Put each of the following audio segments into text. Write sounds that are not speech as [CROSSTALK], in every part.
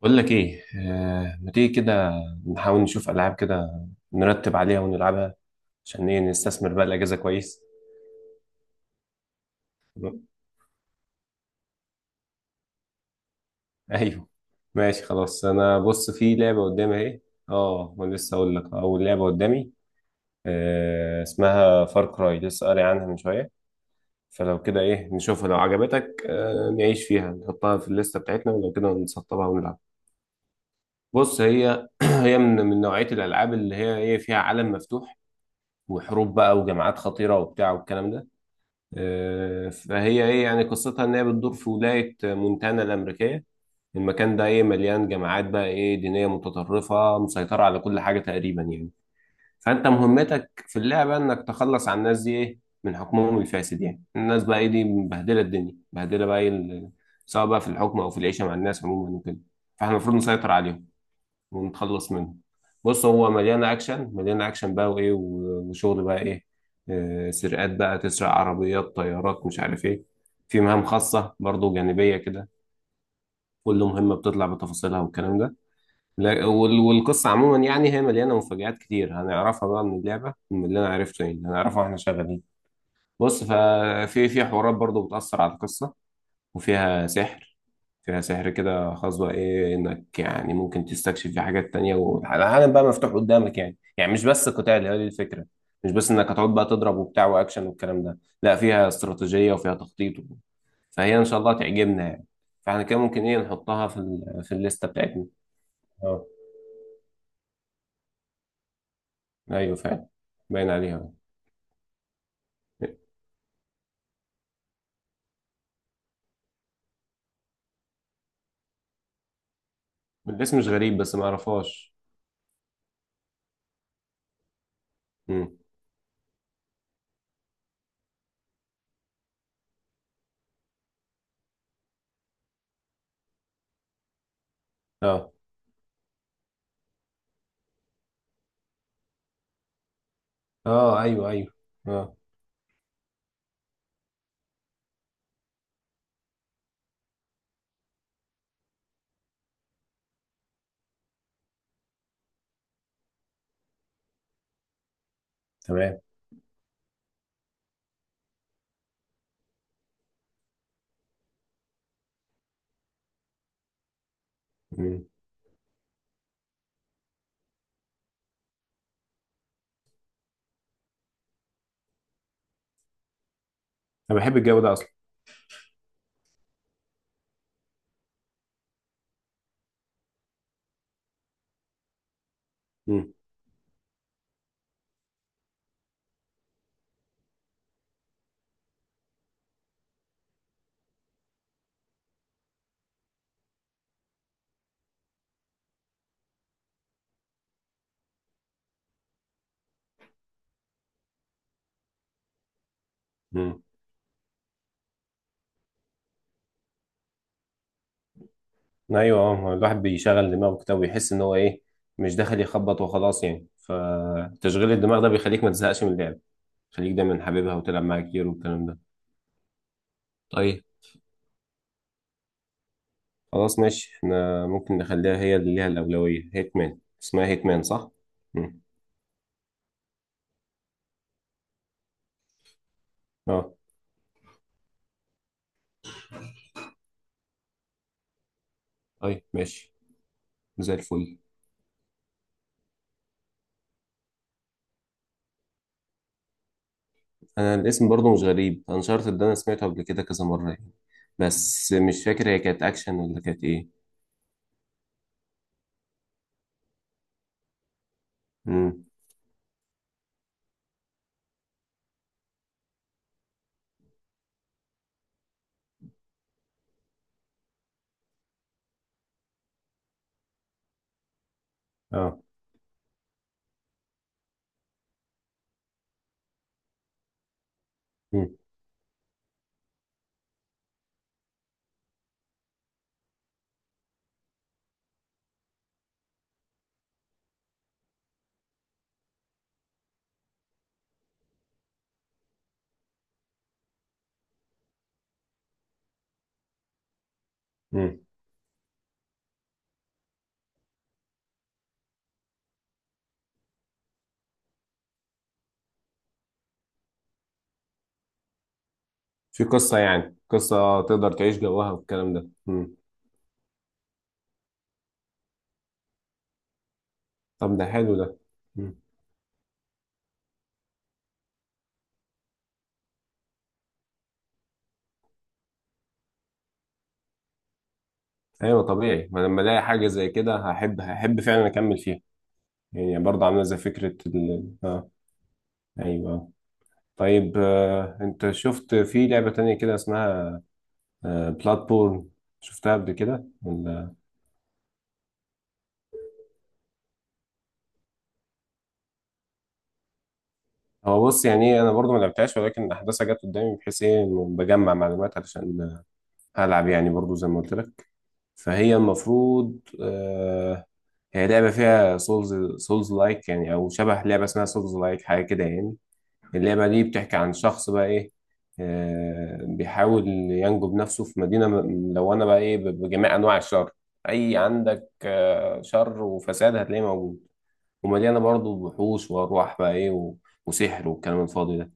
بقول لك ايه ما تيجي كده نحاول نشوف العاب كده، نرتب عليها ونلعبها عشان ايه نستثمر بقى الاجازه كويس. [LAUGHS] تمام؟ ايوه ماشي خلاص، انا بص في لعبه قدامي اهي. اه ما لسه اقول لك، اول لعبه قدامي آه اسمها فار كراي، لسه قاري عنها من شويه. فلو كده ايه نشوفها، لو عجبتك آه نعيش فيها، نحطها في الليسته بتاعتنا، ولو كده نسطبها ونلعب. بص هي [CLEARS THROAT] هي من نوعيه الالعاب اللي هي ايه فيها عالم مفتوح، وحروب بقى وجماعات خطيره وبتاع والكلام ده. فهي ايه يعني قصتها ان هي بتدور في ولايه مونتانا الامريكيه. المكان ده ايه مليان جماعات بقى ايه دينيه متطرفه، مسيطره على كل حاجه تقريبا يعني. فانت مهمتك في اللعبه انك تخلص على الناس دي ايه من حكمهم الفاسد، يعني الناس بقى ايه دي مبهدله الدنيا، مبهدله بقى ايه سواء بقى في الحكم او في العيشه مع الناس عموما وكده. فاحنا المفروض نسيطر عليهم ونتخلص منه. بص هو مليان اكشن، مليان اكشن بقى وايه وشغل بقى ايه. سرقات بقى، تسرق عربيات طيارات مش عارف ايه. في مهام خاصة برضو جانبية كده، كل مهمة بتطلع بتفاصيلها والكلام ده. والقصة عموما يعني هي مليانة مفاجآت كتير، هنعرفها بقى من اللعبة، من اللي أنا عرفته يعني هنعرفها واحنا شغالين. بص ففي حوارات برضو بتأثر على القصة وفيها سحر. فيها سحر كده خاص بقى ايه، انك يعني ممكن تستكشف في حاجات تانية، والعالم بقى مفتوح قدامك يعني، يعني مش بس قتال هي دي الفكرة. مش بس انك هتقعد بقى تضرب وبتاع واكشن والكلام ده، لا فيها استراتيجية وفيها تخطيط و... فهي ان شاء الله تعجبنا يعني. فاحنا كده ممكن ايه نحطها في ال... في الليستة بتاعتنا. اه. ايوه فعلا، باين عليها. الاسم مش غريب بس ما اعرفهاش. امم. اه. اه ايوه ايوه. اه تمام. مم. انا بحب الجو ده اصلا. مم. مم. ايوه، الواحد بيشغل دماغه كده ويحس ان هو ايه، مش داخل يخبط وخلاص يعني، فتشغيل الدماغ ده بيخليك ما تزهقش من اللعب. خليك دايما حاببها وتلعب معاها كتير والكلام ده. طيب خلاص ماشي، احنا ممكن نخليها هي اللي ليها الأولوية. هيتمان اسمها، هيتمان صح؟ مم. اه. طيب ماشي، زي الفل. انا الاسم برضو مش غريب، انشارتد ده انا سمعته قبل كده كذا مرة يعني، بس مش فاكر هي كانت اكشن ولا كانت ايه. مم. اه. مم. مم. في قصة، يعني قصة تقدر تعيش جواها والكلام ده. مم. طب ده حلو ده. مم. أيوة طبيعي، ما لما ألاقي حاجة زي كده هحب، هحب فعلا أكمل فيها. يعني برضه عاملة زي فكرة ال... آه. أيوة. طيب آه، أنت شفت في لعبة تانية كده اسمها آه بلاتبورن؟ شفتها قبل كده ولا؟ هو بص يعني إيه، أنا برضه ما لعبتهاش، ولكن أحداثها جت قدامي، بحيث إيه إنه بجمع معلومات علشان ألعب يعني، برضه زي ما قلت لك. فهي المفروض هي لعبة فيها سولز لايك يعني، أو شبه لعبة اسمها سولز لايك حاجة كده يعني. اللعبة دي بتحكي عن شخص بقى إيه، آه بيحاول ينجو بنفسه في مدينة ملونة بقى إيه بجميع أنواع الشر. أي عندك آه شر وفساد هتلاقيه موجود. ومليانة برضه وحوش وأرواح بقى إيه وسحر والكلام الفاضي ده.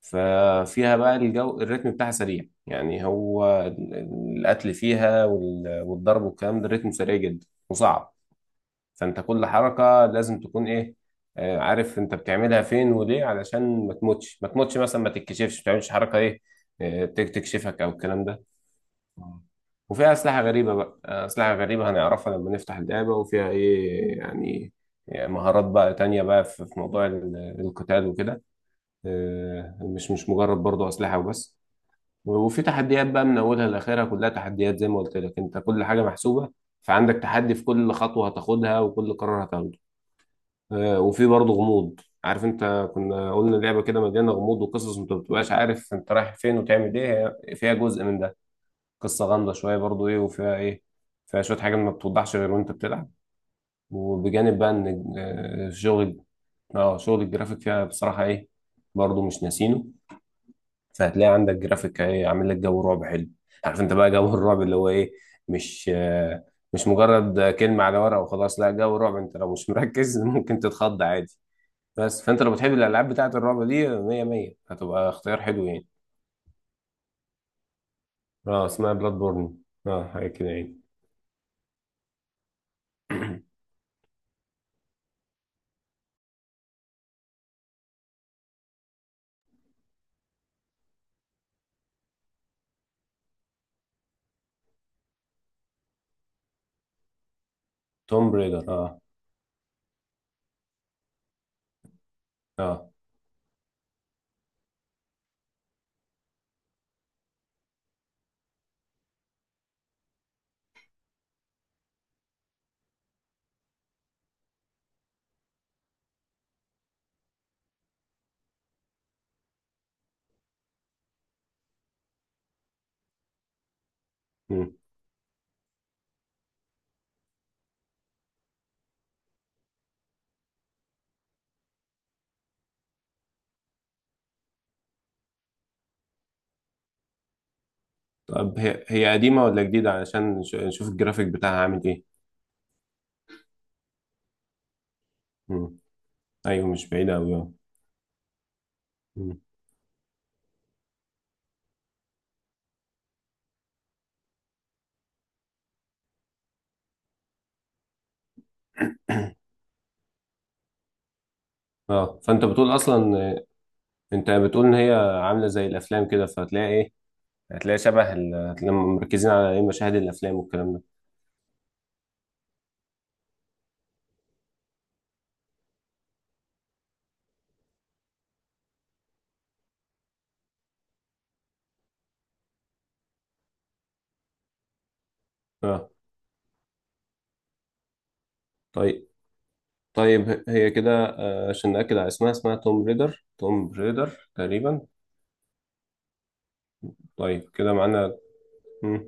ففيها بقى الجو الريتم بتاعها سريع يعني، هو القتل فيها والضرب والكلام ده، الريتم سريع جدا وصعب. فانت كل حركة لازم تكون ايه، عارف انت بتعملها فين وليه، علشان ما تموتش، ما تموتش مثلا، ما تتكشفش، ما تعملش حركة ايه تكشفك او الكلام ده. آه. وفيها أسلحة غريبة بقى، أسلحة غريبة هنعرفها لما نفتح اللعبة، وفيها إيه يعني، يعني مهارات بقى تانية بقى في موضوع القتال وكده. مش مش مجرد برضه أسلحة وبس. وفي تحديات بقى من أولها لآخرها كلها تحديات، زي ما قلت لك أنت كل حاجة محسوبة. فعندك تحدي في كل خطوة هتاخدها، وكل قرار هتاخده. وفي برضه غموض، عارف انت كنا قلنا لعبه كده مليانه غموض وقصص، انت ما بتبقاش عارف انت رايح فين وتعمل ايه، هي فيها جزء من ده. قصه غامضه شويه برضه ايه وفيها ايه، فيها شويه حاجات ما بتوضحش غير وانت بتلعب. وبجانب بقى ان شغل، اه شغل الجرافيك فيها بصراحه ايه، برضه مش ناسينه. فهتلاقي عندك جرافيك ايه، عامل لك جو رعب حلو. عارف انت بقى جو [LAUGHS] الرعب اللي هو ايه، مش آه، مش مجرد كلمه على ورقه وخلاص، لا جو رعب، انت لو مش مركز [LAUGHS] ممكن تتخض عادي. بس فانت لو بتحب الالعاب بتاعه الرعب دي، مية مية، هتبقى اختيار حلو يعني. اه اسمها بلاد بورن، اه حاجه كده يعني. [CLEARS THROAT] توم بريدر اه. اه. مم. طب هي هي قديمه ولا جديده، علشان نشوف الجرافيك بتاعها عامل ايه. مم. ايوه مش بعيده قوي، اه. مم. [CLEARS THROAT] اه فانت بتقول اصلا آه، انت بتقول ان هي عامله زي الافلام كده، فهتلاقي ايه، هتلاقي شبه هتلاقي مركزين على ايه مشاهد الافلام والكلام ده. اه طيب. طيب هي كده عشان نأكد على اسمها، اسمها توم ريدر، توم ريدر تقريبا. طيب كده معانا. مم.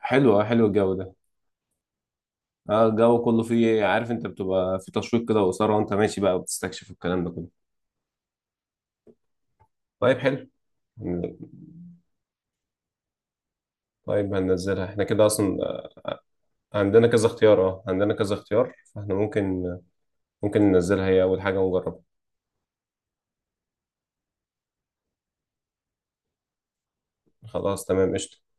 حلو حلو الجو ده. اه الجو كله فيه، عارف انت بتبقى في تشويق كده وإثارة، وانت ماشي بقى وبتستكشف الكلام ده كله. طيب حلو. هن- طيب هننزلها احنا كده اصلا، عندنا كذا اختيار، اه عندنا كذا اختيار، فاحنا ممكن ممكن ننزلها هي اول حاجة ونجربها. خلاص تمام قشطة.